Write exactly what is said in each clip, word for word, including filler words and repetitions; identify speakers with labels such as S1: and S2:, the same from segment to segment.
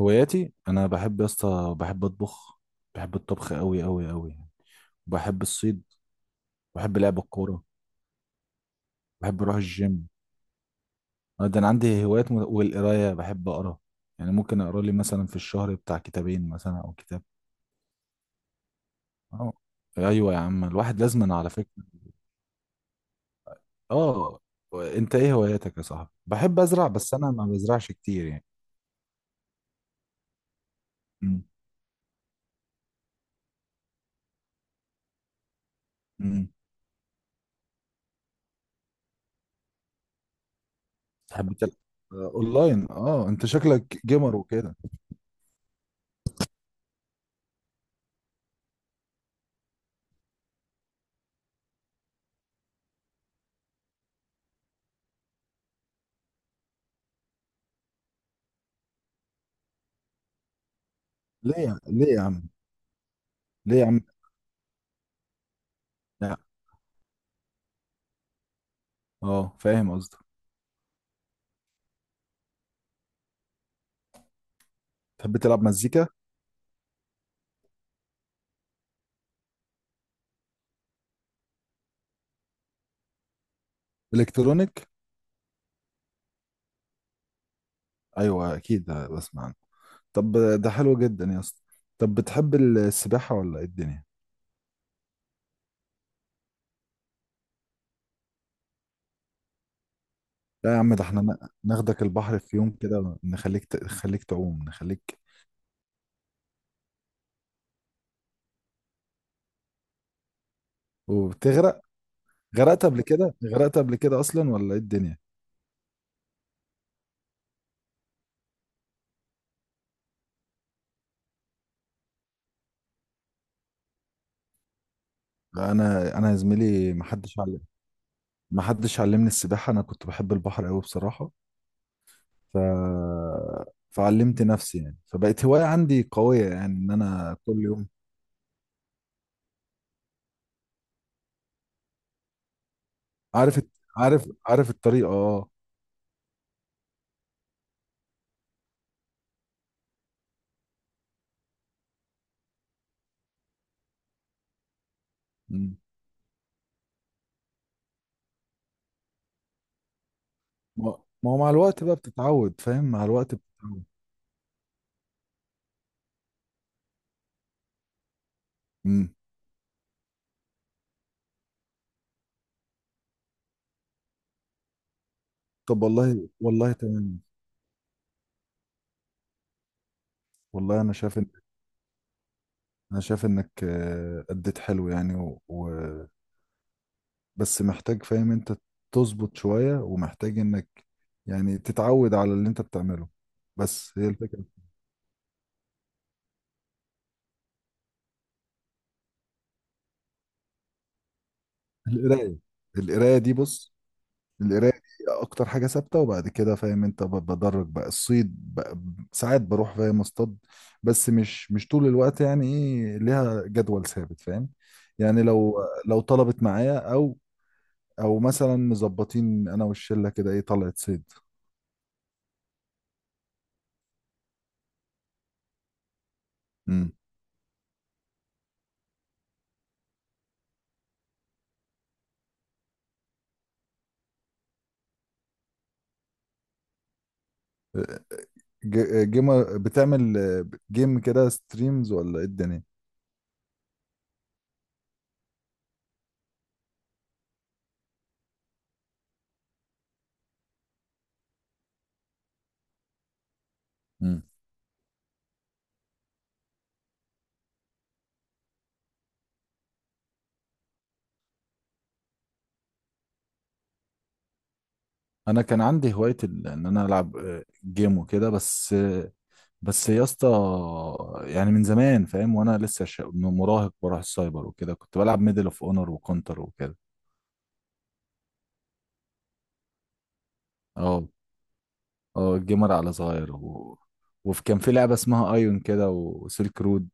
S1: هواياتي انا بحب يا اسطى، بحب اطبخ. بحب الطبخ قوي قوي قوي. بحب الصيد. بحب لعب الكوره. بحب اروح الجيم. أنا ده انا عندي هوايات مت... والقرايه بحب اقرا. يعني ممكن اقرا لي مثلا في الشهر بتاع كتابين مثلا او كتاب. اه، ايوه يا عم، الواحد لازم على فكره. اه. انت ايه هواياتك يا صاحبي؟ بحب ازرع بس انا ما بزرعش كتير يعني. امم. امم. تحب تلعب. آه، اونلاين، اه انت شكلك جيمر وكده. ليه يا- ليه يا عم ليه يا عم لا. اه فاهم قصدك. تحب تلعب مزيكا. الكترونيك. ايوه اكيد بسمع عنه. طب. ده حلو جدا يا اسطى. طب بتحب السباحه ولا ايه الدنيا؟ لا يا عم، ده احنا ن- ناخدك البحر في يوم كده، نخليك ت- نخليك تعوم، نخليك. وبتغرق. غرقت قبل كده؟ غرقت قبل كده اصلا ولا ايه الدنيا؟ لا، انا انا يا زميلي ما حدش علم. ما حدش علمني السباحه. انا كنت بحب البحر قوي بصراحه. ف فعلمت نفسي يعني، فبقت هوايه عندي قويه يعني ان انا كل يوم. عارف الت- عارف عارف الطريقه اه. مم. ما ما هو مع الوقت بقى بتتعود فاهم، مع الوقت بتتعود. مم. طب والله، والله تمام. والله انا شايف ان، انا شايف انك آه، اديت حلو يعني و... و... بس محتاج، فاهم انت، تظبط شوية، ومحتاج انك يعني تتعود على اللي انت بتعمله. بس هي الفكرة. القراية القراية دي بص. القرايه دي اكتر حاجه ثابته، وبعد كده فاهم انت ب- بدرج بقى الصيد بقى. ساعات بروح فاهم اصطاد، بس مش مش طول الوقت يعني، ايه ليها جدول ثابت فاهم. يعني لو لو طلبت معايا او، او مثلا مظبطين انا والشله كده، ايه طلعت صيد. امم. جيم بتعمل آه، جيم كده ستريمز ولا ايه الدنيا؟ امم. انا كان عندي هوايه ال- ان انا العب آه، جيم وكده، بس بس يا اسطى، يعني من زمان فاهم، وانا لسه ش... مراهق، بروح السايبر وكده، كنت بلعب ميدل اوف اونر وكونتر وكده. اه. اه الجيمر على صغير و... وفي كان في لعبة اسمها ايون كده وسيلك رود.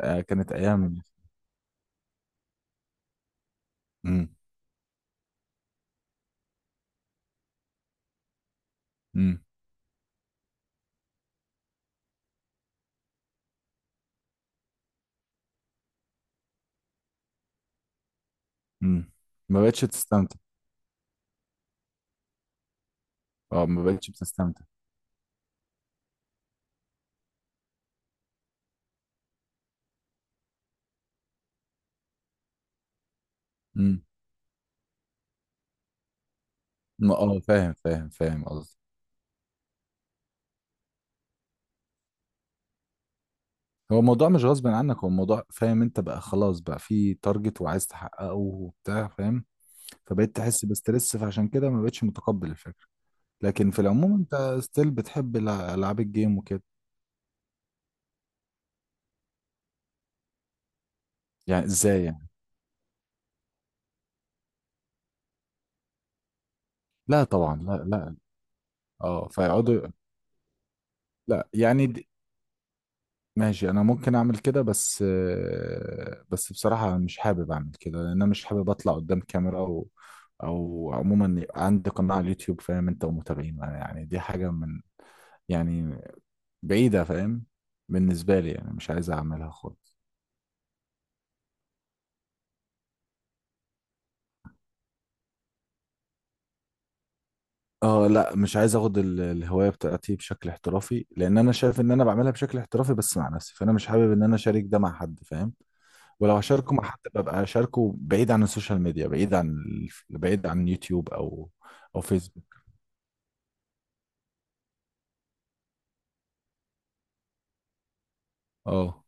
S1: آه كانت ايام. امم. امم. امم. ما بقتش تستمتع. اه ما بقتش بتستمتع. امم. اه فاهم فاهم فاهم قصدي. هو الموضوع مش غصب عنك، هو الموضوع فاهم انت بقى خلاص، بقى في تارجت وعايز تحققه وبتاع فاهم. فبقيت تحس بستريس، فعشان كده ما بقتش متقبل الفكرة. لكن في العموم انت ستيل بتحب الع- العاب الجيم وكده. يعني ازاي يعني؟ لا طبعا، لا لا. اه فيقعدوا. لا، يعني دي... ماشي، انا ممكن اعمل كده، بس آه، بس بصراحة أنا مش حابب اعمل كده، لان انا مش حابب اطلع قدام كاميرا، او او عموما يبقى عندي قناة على اليوتيوب فاهم انت، ومتابعين، يعني دي حاجة من، يعني بعيدة فاهم، بالنسبة لي يعني مش عايز اعملها خالص. اه، لا مش عايز اخد ال- الهوايه بتاعتي بشكل احترافي، لان انا شايف ان انا بعملها بشكل احترافي بس مع نفسي، فانا مش حابب ان انا اشارك ده مع حد فاهم. ولو هشاركه مع حد ببقى اشاركه بعيد عن السوشيال ميديا، بعيد عن ال- بعيد عن يوتيوب، او او فيسبوك. اه.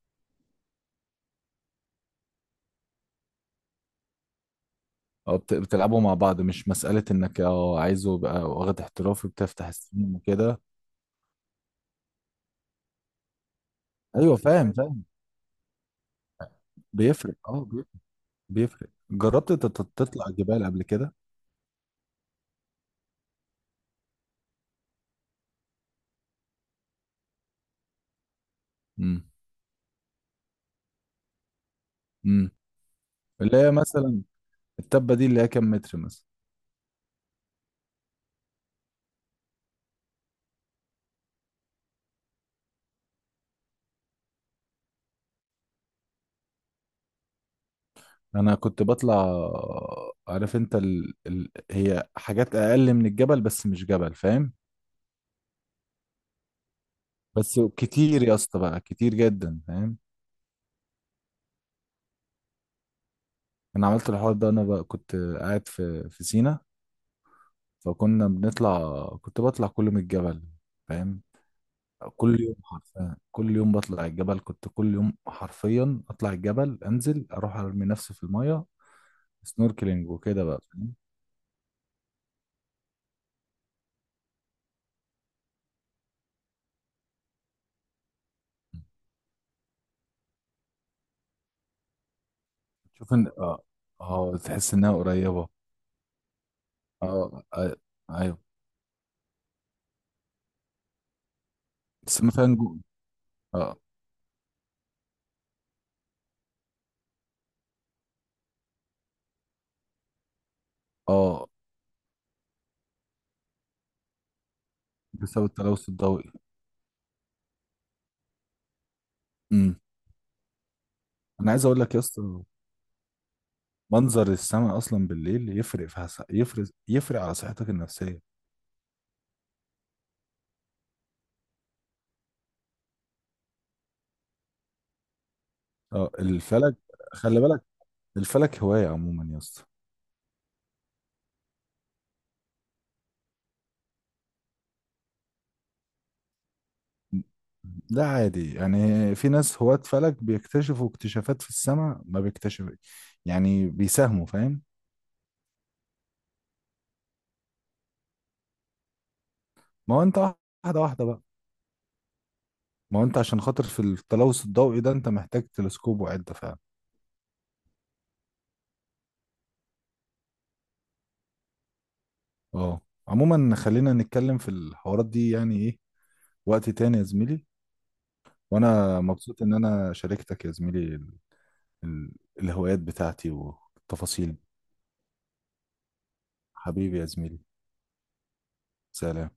S1: اه بت- بتلعبوا مع بعض، مش مساله انك اه عايزه يبقى واخد احترافي بتفتح السينما وكده. ايوه فاهم فاهم. بيفرق اه، بيفرق. بيفرق. جربت تت- تطلع جبال قبل كده؟ امم. امم. اللي هي مثلا، التبه دي اللي هي كام متر مثلا؟ انا كنت بطلع. عارف انت ال... ال... هي حاجات اقل من الجبل، بس مش جبل فاهم، بس كتير يا اسطى بقى، كتير جدا فاهم. انا عملت الحوار ده انا، بقى كنت قاعد في في سينا، فكنا بنطلع، كنت بطلع كل يوم الجبل فاهم. كل يوم حرفيا، كل يوم بطلع الجبل، كنت كل يوم حرفيا اطلع الجبل، انزل اروح ارمي نفسي في الميه، سنوركلينج وكده بقى فاهم. تشوف ان اه، اه تحس انها قريبه. اه آه، ايوه. بس ما فيها نجوم. اه. اه بسبب التلوث الضوئي. امم. انا عايز اقول لك يا اسطى، منظر السماء اصلا بالليل يفرق في حس... يفرق، يفرق على صحتك النفسيه. اه الفلك. خلي بالك. الفلك هوايه عموما يا اسطى. ده عادي يعني، في ناس هواة فلك بيكتشفوا اكتشافات في السماء ما بيكتشف، يعني بيساهموا فاهم. ما هو انت واحده واحده بقى. ما هو انت عشان خاطر في التلوث الضوئي ده انت محتاج تلسكوب وعده فعلا. اه. عموما خلينا نتكلم في الحوارات دي يعني ايه، وقت تاني يا زميلي. وانا مبسوط ان انا شاركتك يا زميلي ال- ال- الهوايات بتاعتي والتفاصيل. حبيبي يا زميلي. سلام.